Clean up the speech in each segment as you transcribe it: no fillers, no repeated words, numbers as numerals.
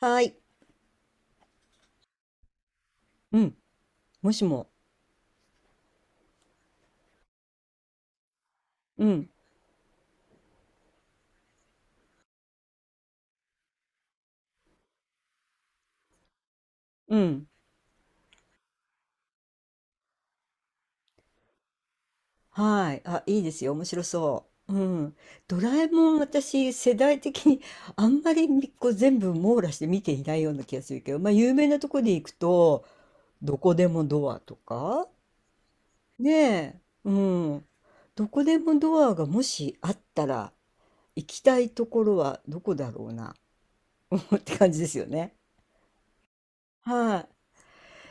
はい。うん、もしも、うん、うん、はい。あ、いいですよ、面白そう。うん。ドラえもん、私、世代的にあんまりみこう全部網羅して見ていないような気がするけど、まあ、有名なとこで行くと、どこでもドアとか、ねえ、うん。どこでもドアがもしあったら、行きたいところはどこだろうな、って感じですよね。は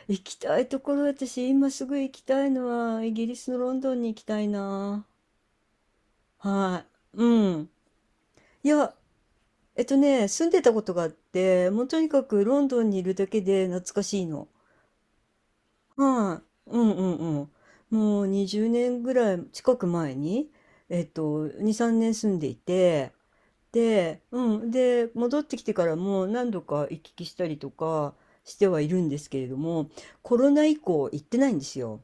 い。行きたいところ、私今すぐ行きたいのは、イギリスのロンドンに行きたいな。はい。うん。いや、住んでたことがあって、もうとにかくロンドンにいるだけで懐かしいの。はい。うんうんうん。もう20年ぐらい近く前に、えっと、2、3年住んでいて、で、うん。で、戻ってきてからも何度か行き来したりとかしてはいるんですけれども、コロナ以降行ってないんですよ。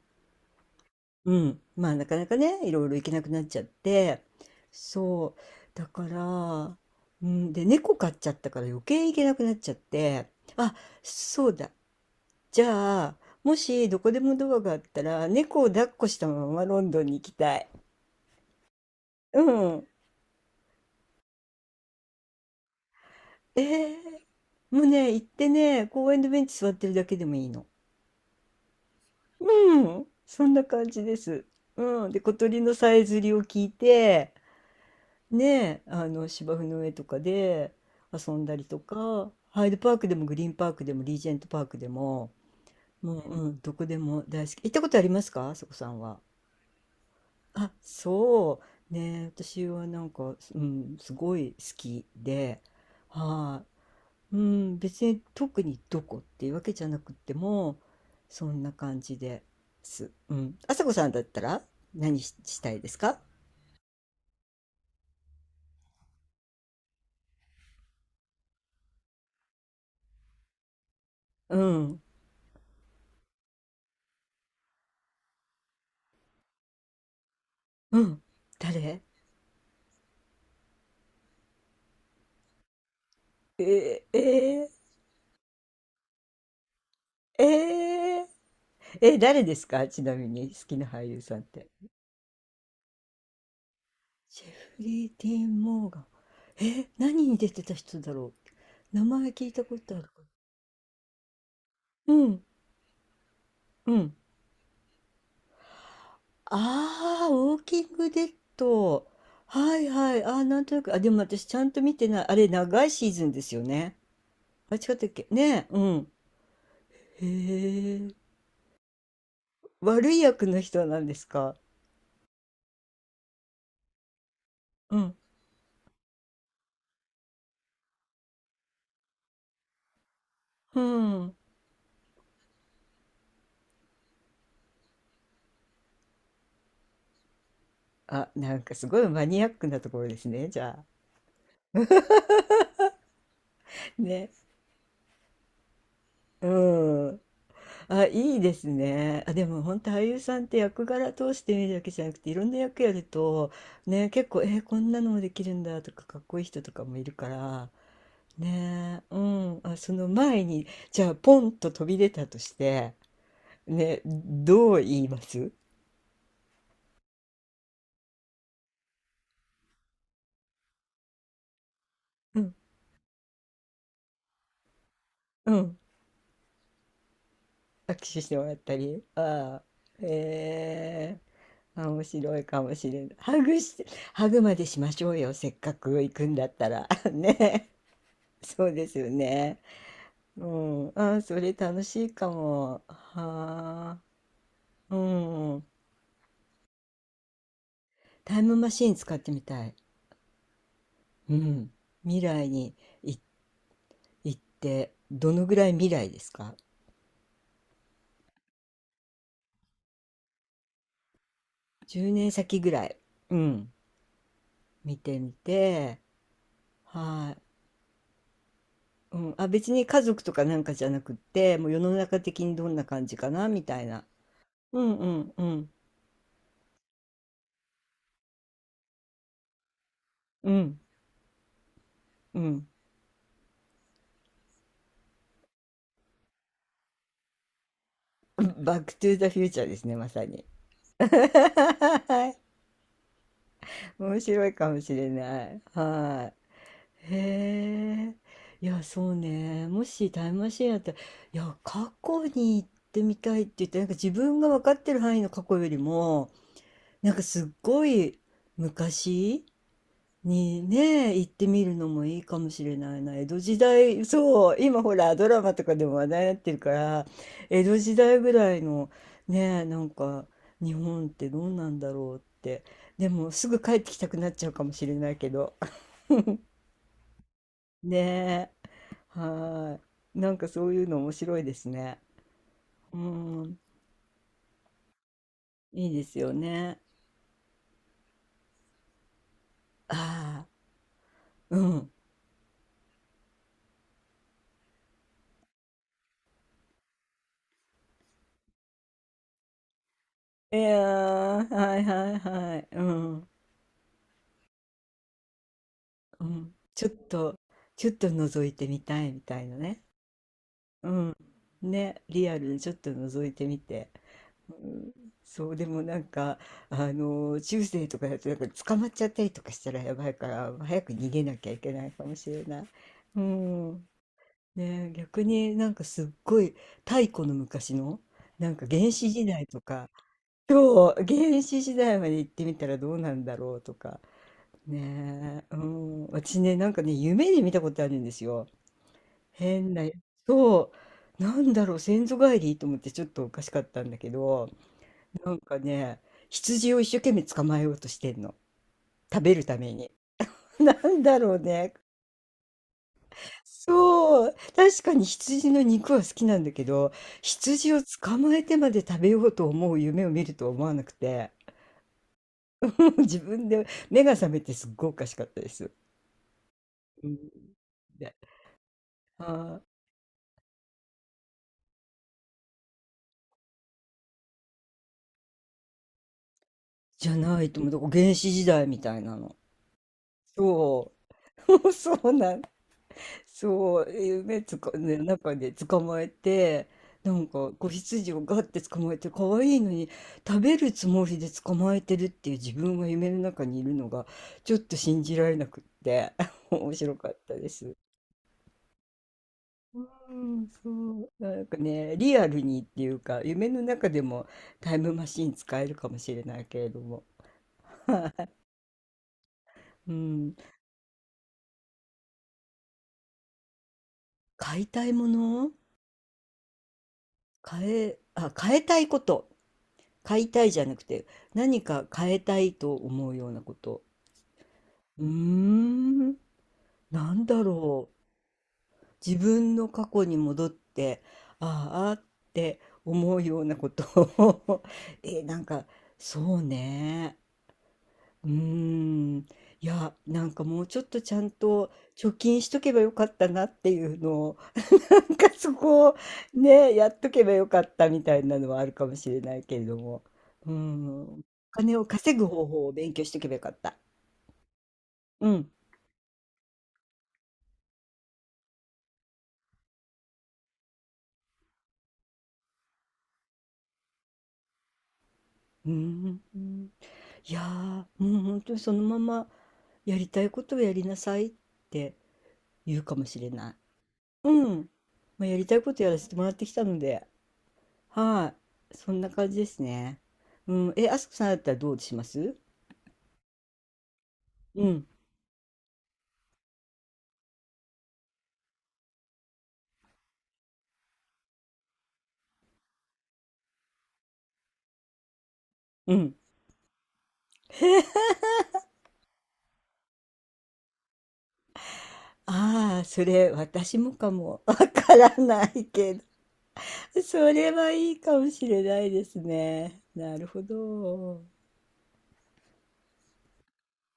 うん、まあなかなかねいろいろ行けなくなっちゃってそうだから、うん、で猫飼っちゃったから余計行けなくなっちゃって、あ、そうだ、じゃあもしどこでもドアがあったら猫を抱っこしたままロンドンに行きたい。うん。えー、もうね行ってね公園のベンチ座ってるだけでもいいの。うん、そんな感じです。うん、で小鳥のさえずりを聞いてねえ、あの芝生の上とかで遊んだりとか、ハイドパークでもグリーンパークでもリージェントパークでも、うんうん、どこでも大好き。行ったことありますか、あそこさんは。あ、そう。ねえ、私はなんか、うん、すごい好きで、はい、うん、別に特にどこっていうわけじゃなくても、そんな感じです。うん。あさこさんだったらしたいですか？うん、うん。誰えー、えーえええ、誰ですか、ちなみに好きな俳優さんって。ジェフリー・ディーン・モーガン。え、何に出てた人だろう、名前聞いたことあるかな。うん、うん。ああ、ウォーキングデッド。はいはい。ああ、なんとなく。あ、でも私ちゃんと見てない。あれ、長いシーズンですよね。あ、違ったっけ、ねえ、うん。へえ。悪い役の人なんですか？うん。うん。あ、なんかすごいマニアックなところですね、じゃあ。ね。うん。あ、いいですね。あ、でも本当、俳優さんって役柄通して見るだけじゃなくていろんな役やると、ね、結構こんなのもできるんだとか、かっこいい人とかもいるからね。うん、あ、その前に、じゃあポンと飛び出たとしてね、どう言います？うん、うん、握手してもらったり、ああ、へえ、面白いかもしれない、ハグして、ハグまでしましょうよ、せっかく行くんだったら ね。そうですよね。うん。ああ、それ楽しいかも。はあ。うん。タイムマシーン使ってみたい。うん。未来にい行って、どのぐらい未来ですか？ 10 年先ぐらい。うん。見てみて。はい。うん。あ、別に家族とかなんかじゃなくって、もう世の中的にどんな感じかなみたいな。うんうんうん。うん。うん。バックトゥーザフューチャーですね、まさに。はい、面白いかもしれない。はい。へえ、いや、そうね。もしタイムマシンやったら、いや、過去に行ってみたいって言って、なんか自分が分かってる範囲の過去よりも、なんかすっごい昔にね、行ってみるのもいいかもしれないな。江戸時代、そう、今ほら、ドラマとかでも話題になってるから、江戸時代ぐらいのね、なんか日本ってどうなんだろうって。でも、すぐ帰ってきたくなっちゃうかもしれないけど。ねえ。はーい。なんかそういうの面白いですね。うーん。いいですよね。ああ、うん。いやー、はいはいはい。うん。うん。ちょっと、ちょっと覗いてみたいみたいなね。うん。ね、リアルにちょっと覗いてみて。うん、そうでもなんか、あの中世とかだとなんか捕まっちゃったりとかしたらやばいから早く逃げなきゃいけないかもしれない。うん、ねえ、逆になんかすっごい太古の昔の、なんか原始時代とか、そう、原始時代まで行ってみたらどうなんだろうとか、ねえ、うん、私ねなんかね夢で見たことあるんですよ、変な。そう、なんだろう、先祖返りと思ってちょっとおかしかったんだけど、なんかね、羊を一生懸命捕まえようとしてんの、食べるために。 なんだろうね、そう、確かに羊の肉は好きなんだけど、羊を捕まえてまで食べようと思う夢を見るとは思わなくて、もう自分で目が覚めてすっごいおかしかったです。うん、で、あー、じゃないと思う、だから原始時代みたいなの。そう、そうなんそう、夢つか、ね、中で捕まえて、なんか子羊をガッて捕まえて、可愛いのに食べるつもりで捕まえてるっていう自分が夢の中にいるのが、ちょっと信じられなくって、面白かったです。うん、そう、なんかね、リアルにっていうか、夢の中でもタイムマシン使えるかもしれないけれども、うん、買いたいもの、買え、あ、変えたいこと。買いたいじゃなくて、何か変えたいと思うようなこと。うーん、なんだろう。自分の過去に戻って、あーあーって思うようなことを え、なんか、そうね。うーん。いや、なんかもうちょっとちゃんと貯金しとけばよかったなっていうのを、なんかそこをね、やっとけばよかったみたいなのはあるかもしれないけれども。うん。お金を稼ぐ方法を勉強しておけばよかった。うん。うん。うん、いやー、もう本当にそのままやりたいことをやりなさいって言うかもしれない。うん。まあ、やりたいことやらせてもらってきたので、はい。そんな感じですね。うん。え、あすこさんだったらどうします？うん。うん。ああ、それ私もかもわからないけ、 それはいいかもしれないですね。なるほど。う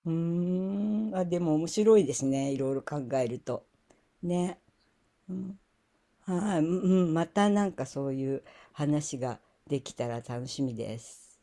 ーん。あ、でも面白いですね、いろいろ考えると。ね。うん、はい。うん、うん、またなんかそういう話ができたら楽しみです。